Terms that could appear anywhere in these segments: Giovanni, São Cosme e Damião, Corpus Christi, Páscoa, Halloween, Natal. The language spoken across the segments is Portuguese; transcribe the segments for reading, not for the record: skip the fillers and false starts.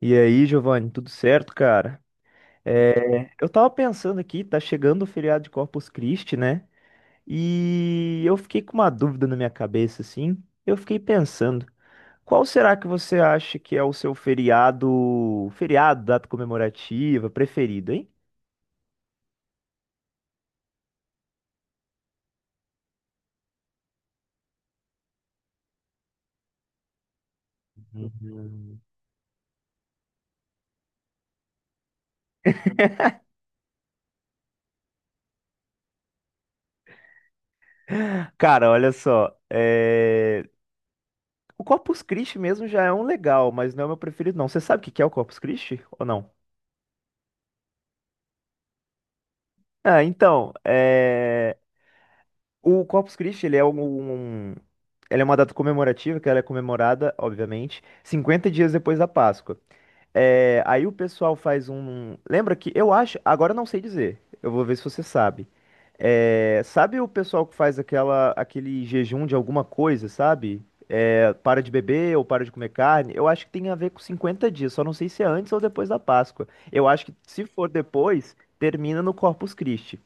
E aí, Giovanni, tudo certo, cara? É, eu tava pensando aqui, tá chegando o feriado de Corpus Christi, né? E eu fiquei com uma dúvida na minha cabeça, assim. Eu fiquei pensando, qual será que você acha que é o seu feriado, feriado, data comemorativa preferido, hein? Uhum. Cara, olha só, é, o Corpus Christi mesmo já é um legal, mas não é o meu preferido, não. Você sabe o que que é o Corpus Christi ou não? Ah, então, o Corpus Christi, ele é ela é uma data comemorativa, que ela é comemorada, obviamente, 50 dias depois da Páscoa. É, aí o pessoal faz Lembra que eu acho. Agora eu não sei dizer. Eu vou ver se você sabe. É, sabe o pessoal que faz aquele jejum de alguma coisa, sabe? É, para de beber ou para de comer carne? Eu acho que tem a ver com 50 dias, só não sei se é antes ou depois da Páscoa. Eu acho que se for depois, termina no Corpus Christi.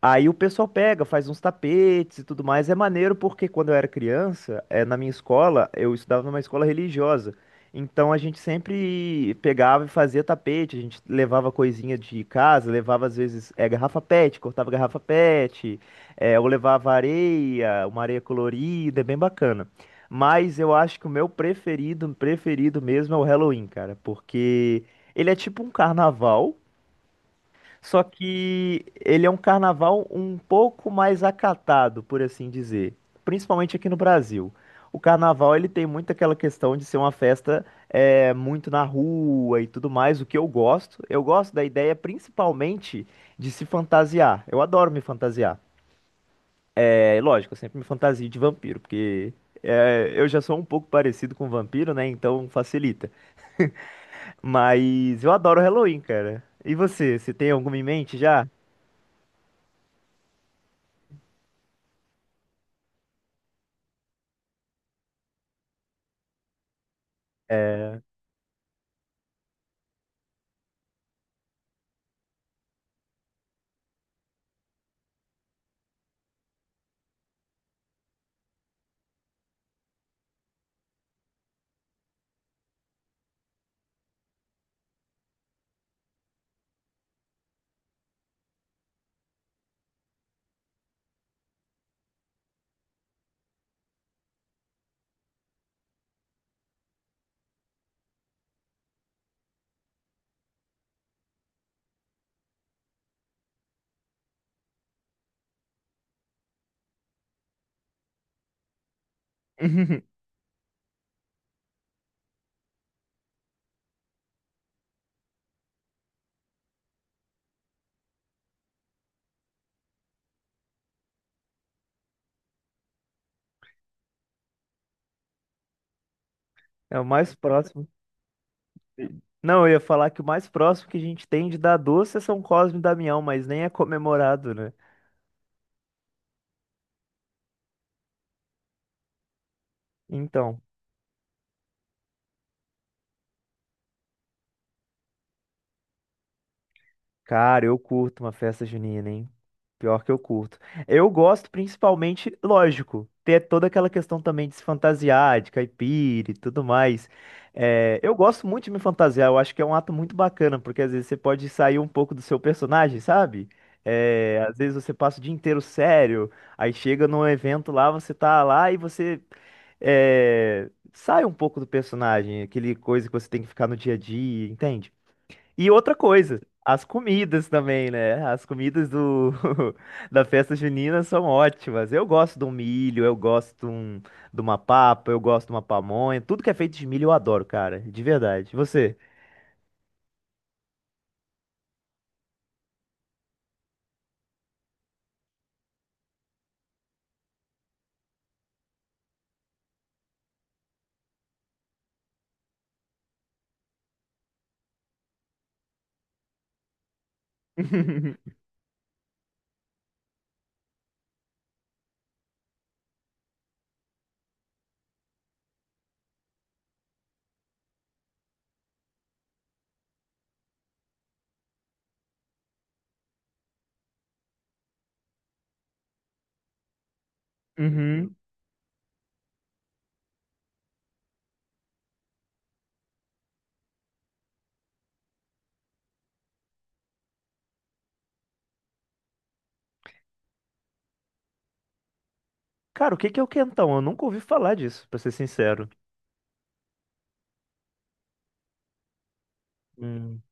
Aí o pessoal pega, faz uns tapetes e tudo mais. É maneiro porque quando eu era criança, na minha escola, eu estudava numa escola religiosa. Então a gente sempre pegava e fazia tapete, a gente levava coisinha de casa, levava às vezes garrafa PET, cortava garrafa PET, ou levava areia, uma areia colorida, é bem bacana. Mas eu acho que o meu preferido, preferido mesmo é o Halloween, cara, porque ele é tipo um carnaval. Só que ele é um carnaval um pouco mais acatado, por assim dizer, principalmente aqui no Brasil. O carnaval ele tem muito aquela questão de ser uma festa muito na rua e tudo mais, o que eu gosto. Eu gosto da ideia principalmente de se fantasiar. Eu adoro me fantasiar. É lógico, eu sempre me fantasio de vampiro, porque eu já sou um pouco parecido com vampiro, né? Então facilita. Mas eu adoro Halloween, cara. E você, tem alguma em mente já? É o mais próximo. Não, eu ia falar que o mais próximo que a gente tem de dar doce é São Cosme e Damião, mas nem é comemorado, né? Então. Cara, eu curto uma festa junina, hein? Pior que eu curto. Eu gosto principalmente, lógico, ter toda aquela questão também de se fantasiar, de caipira e tudo mais. É, eu gosto muito de me fantasiar, eu acho que é um ato muito bacana, porque às vezes você pode sair um pouco do seu personagem, sabe? É, às vezes você passa o dia inteiro sério, aí chega num evento lá, você tá lá e você sai um pouco do personagem, aquele coisa que você tem que ficar no dia a dia, entende? E outra coisa, as comidas também, né? As comidas do da festa junina são ótimas. Eu gosto de um milho, eu gosto de uma papa, eu gosto de uma pamonha. Tudo que é feito de milho eu adoro, cara, de verdade. E você? Uhum. Cara, o que que é o quentão? Eu nunca ouvi falar disso, pra ser sincero. Hum,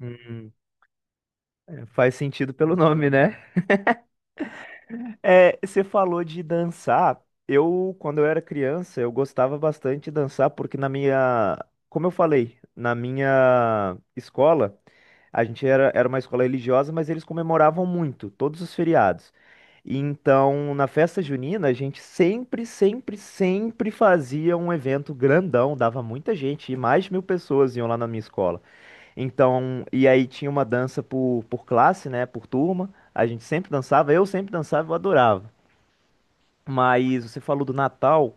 hum. É, faz sentido pelo nome, né? É, você falou de dançar. Eu, quando eu era criança, eu gostava bastante de dançar, porque na minha, como eu falei, na minha escola, a gente era uma escola religiosa, mas eles comemoravam muito, todos os feriados. E então, na festa junina, a gente sempre, sempre, sempre fazia um evento grandão, dava muita gente, e mais de 1.000 pessoas iam lá na minha escola. Então, e aí tinha uma dança por classe, né? Por turma. A gente sempre dançava, eu adorava. Mas você falou do Natal.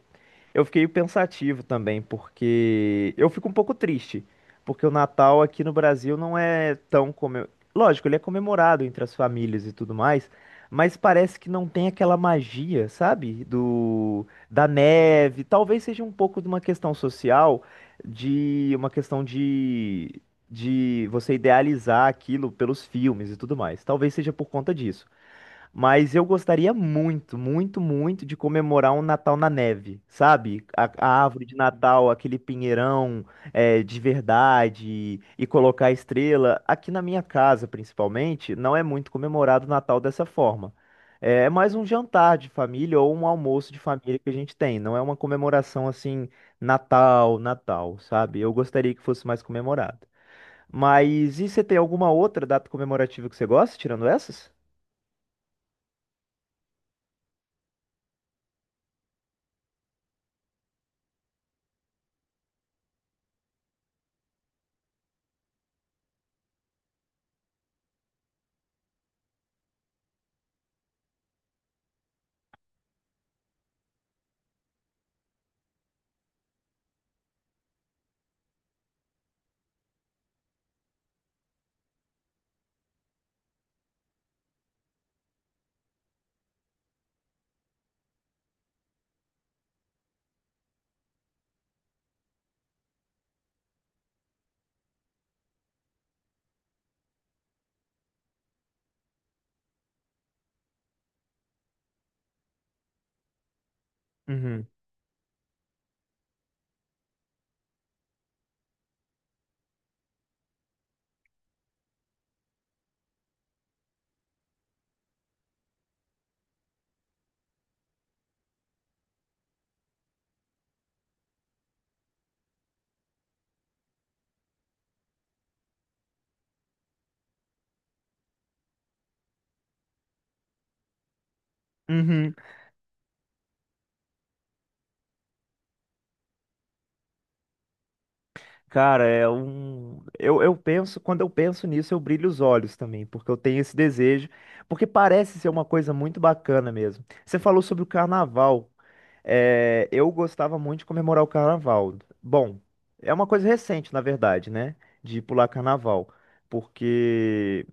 Eu fiquei pensativo também, porque eu fico um pouco triste, porque o Natal aqui no Brasil não é tão. Lógico, ele é comemorado entre as famílias e tudo mais, mas parece que não tem aquela magia, sabe? Do da neve. Talvez seja um pouco de uma questão social, de uma questão de você idealizar aquilo pelos filmes e tudo mais. Talvez seja por conta disso. Mas eu gostaria muito, muito, muito de comemorar um Natal na neve, sabe? A árvore de Natal, aquele pinheirão de verdade e colocar estrela. Aqui na minha casa, principalmente, não é muito comemorado o Natal dessa forma. É mais um jantar de família ou um almoço de família que a gente tem. Não é uma comemoração assim, Natal, Natal, sabe? Eu gostaria que fosse mais comemorado. Mas e você tem alguma outra data comemorativa que você gosta, tirando essas? Uhum. Uhum. Cara, Eu penso, quando eu penso nisso, eu brilho os olhos também, porque eu tenho esse desejo, porque parece ser uma coisa muito bacana mesmo. Você falou sobre o carnaval. É, eu gostava muito de comemorar o carnaval. Bom, é uma coisa recente, na verdade, né? De pular carnaval. Porque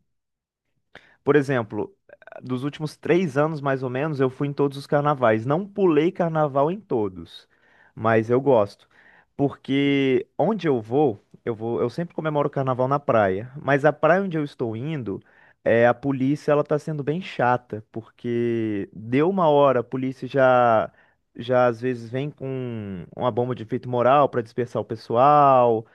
por exemplo, dos últimos 3 anos, mais ou menos, eu fui em todos os carnavais. Não pulei carnaval em todos, mas eu gosto. Porque onde eu vou, eu sempre comemoro o carnaval na praia. Mas a praia onde eu estou indo, a polícia, ela tá sendo bem chata. Porque deu uma hora, a polícia já às vezes vem com uma bomba de efeito moral para dispersar o pessoal.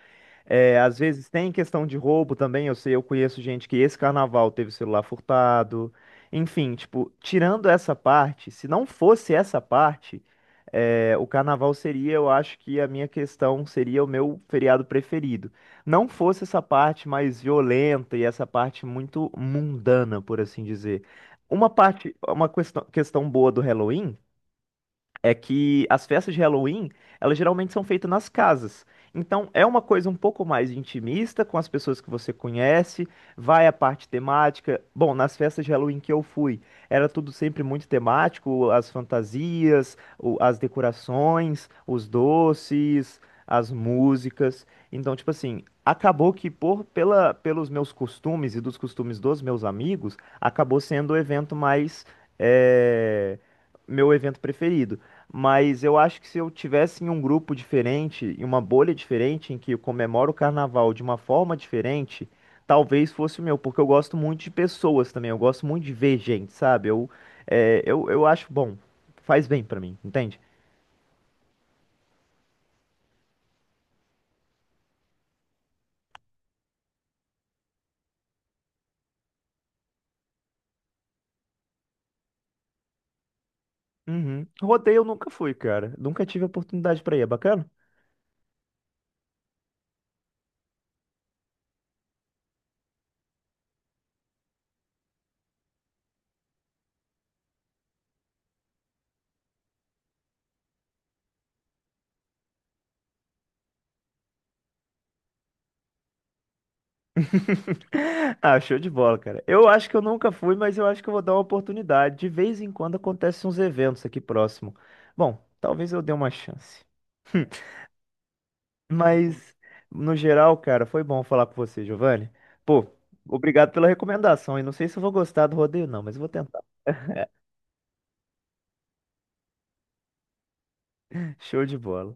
É, às vezes tem questão de roubo também. Eu sei, eu conheço gente que esse carnaval teve celular furtado. Enfim, tipo, tirando essa parte, se não fosse essa parte, o carnaval seria, eu acho que a minha questão seria o meu feriado preferido. Não fosse essa parte mais violenta e essa parte muito mundana, por assim dizer. Uma parte, uma questão, questão boa do Halloween é que as festas de Halloween, elas geralmente são feitas nas casas. Então é uma coisa um pouco mais intimista com as pessoas que você conhece, vai a parte temática. Bom, nas festas de Halloween que eu fui, era tudo sempre muito temático, as fantasias, as decorações, os doces, as músicas. Então, tipo assim, acabou que por pela pelos meus costumes e dos costumes dos meus amigos, acabou sendo o evento é, meu evento preferido. Mas eu acho que se eu tivesse em um grupo diferente, em uma bolha diferente, em que eu comemoro o carnaval de uma forma diferente, talvez fosse o meu, porque eu gosto muito de pessoas também, eu gosto muito de ver gente, sabe? Eu acho bom, faz bem pra mim, entende? Uhum. Rodeio eu nunca fui, cara. Nunca tive oportunidade pra ir, é bacana? Ah, show de bola, cara. Eu acho que eu nunca fui, mas eu acho que eu vou dar uma oportunidade. De vez em quando acontecem uns eventos aqui próximo. Bom, talvez eu dê uma chance. Mas, no geral, cara, foi bom falar com você, Giovanni. Pô, obrigado pela recomendação. E não sei se eu vou gostar do rodeio, não, mas eu vou tentar. Show de bola.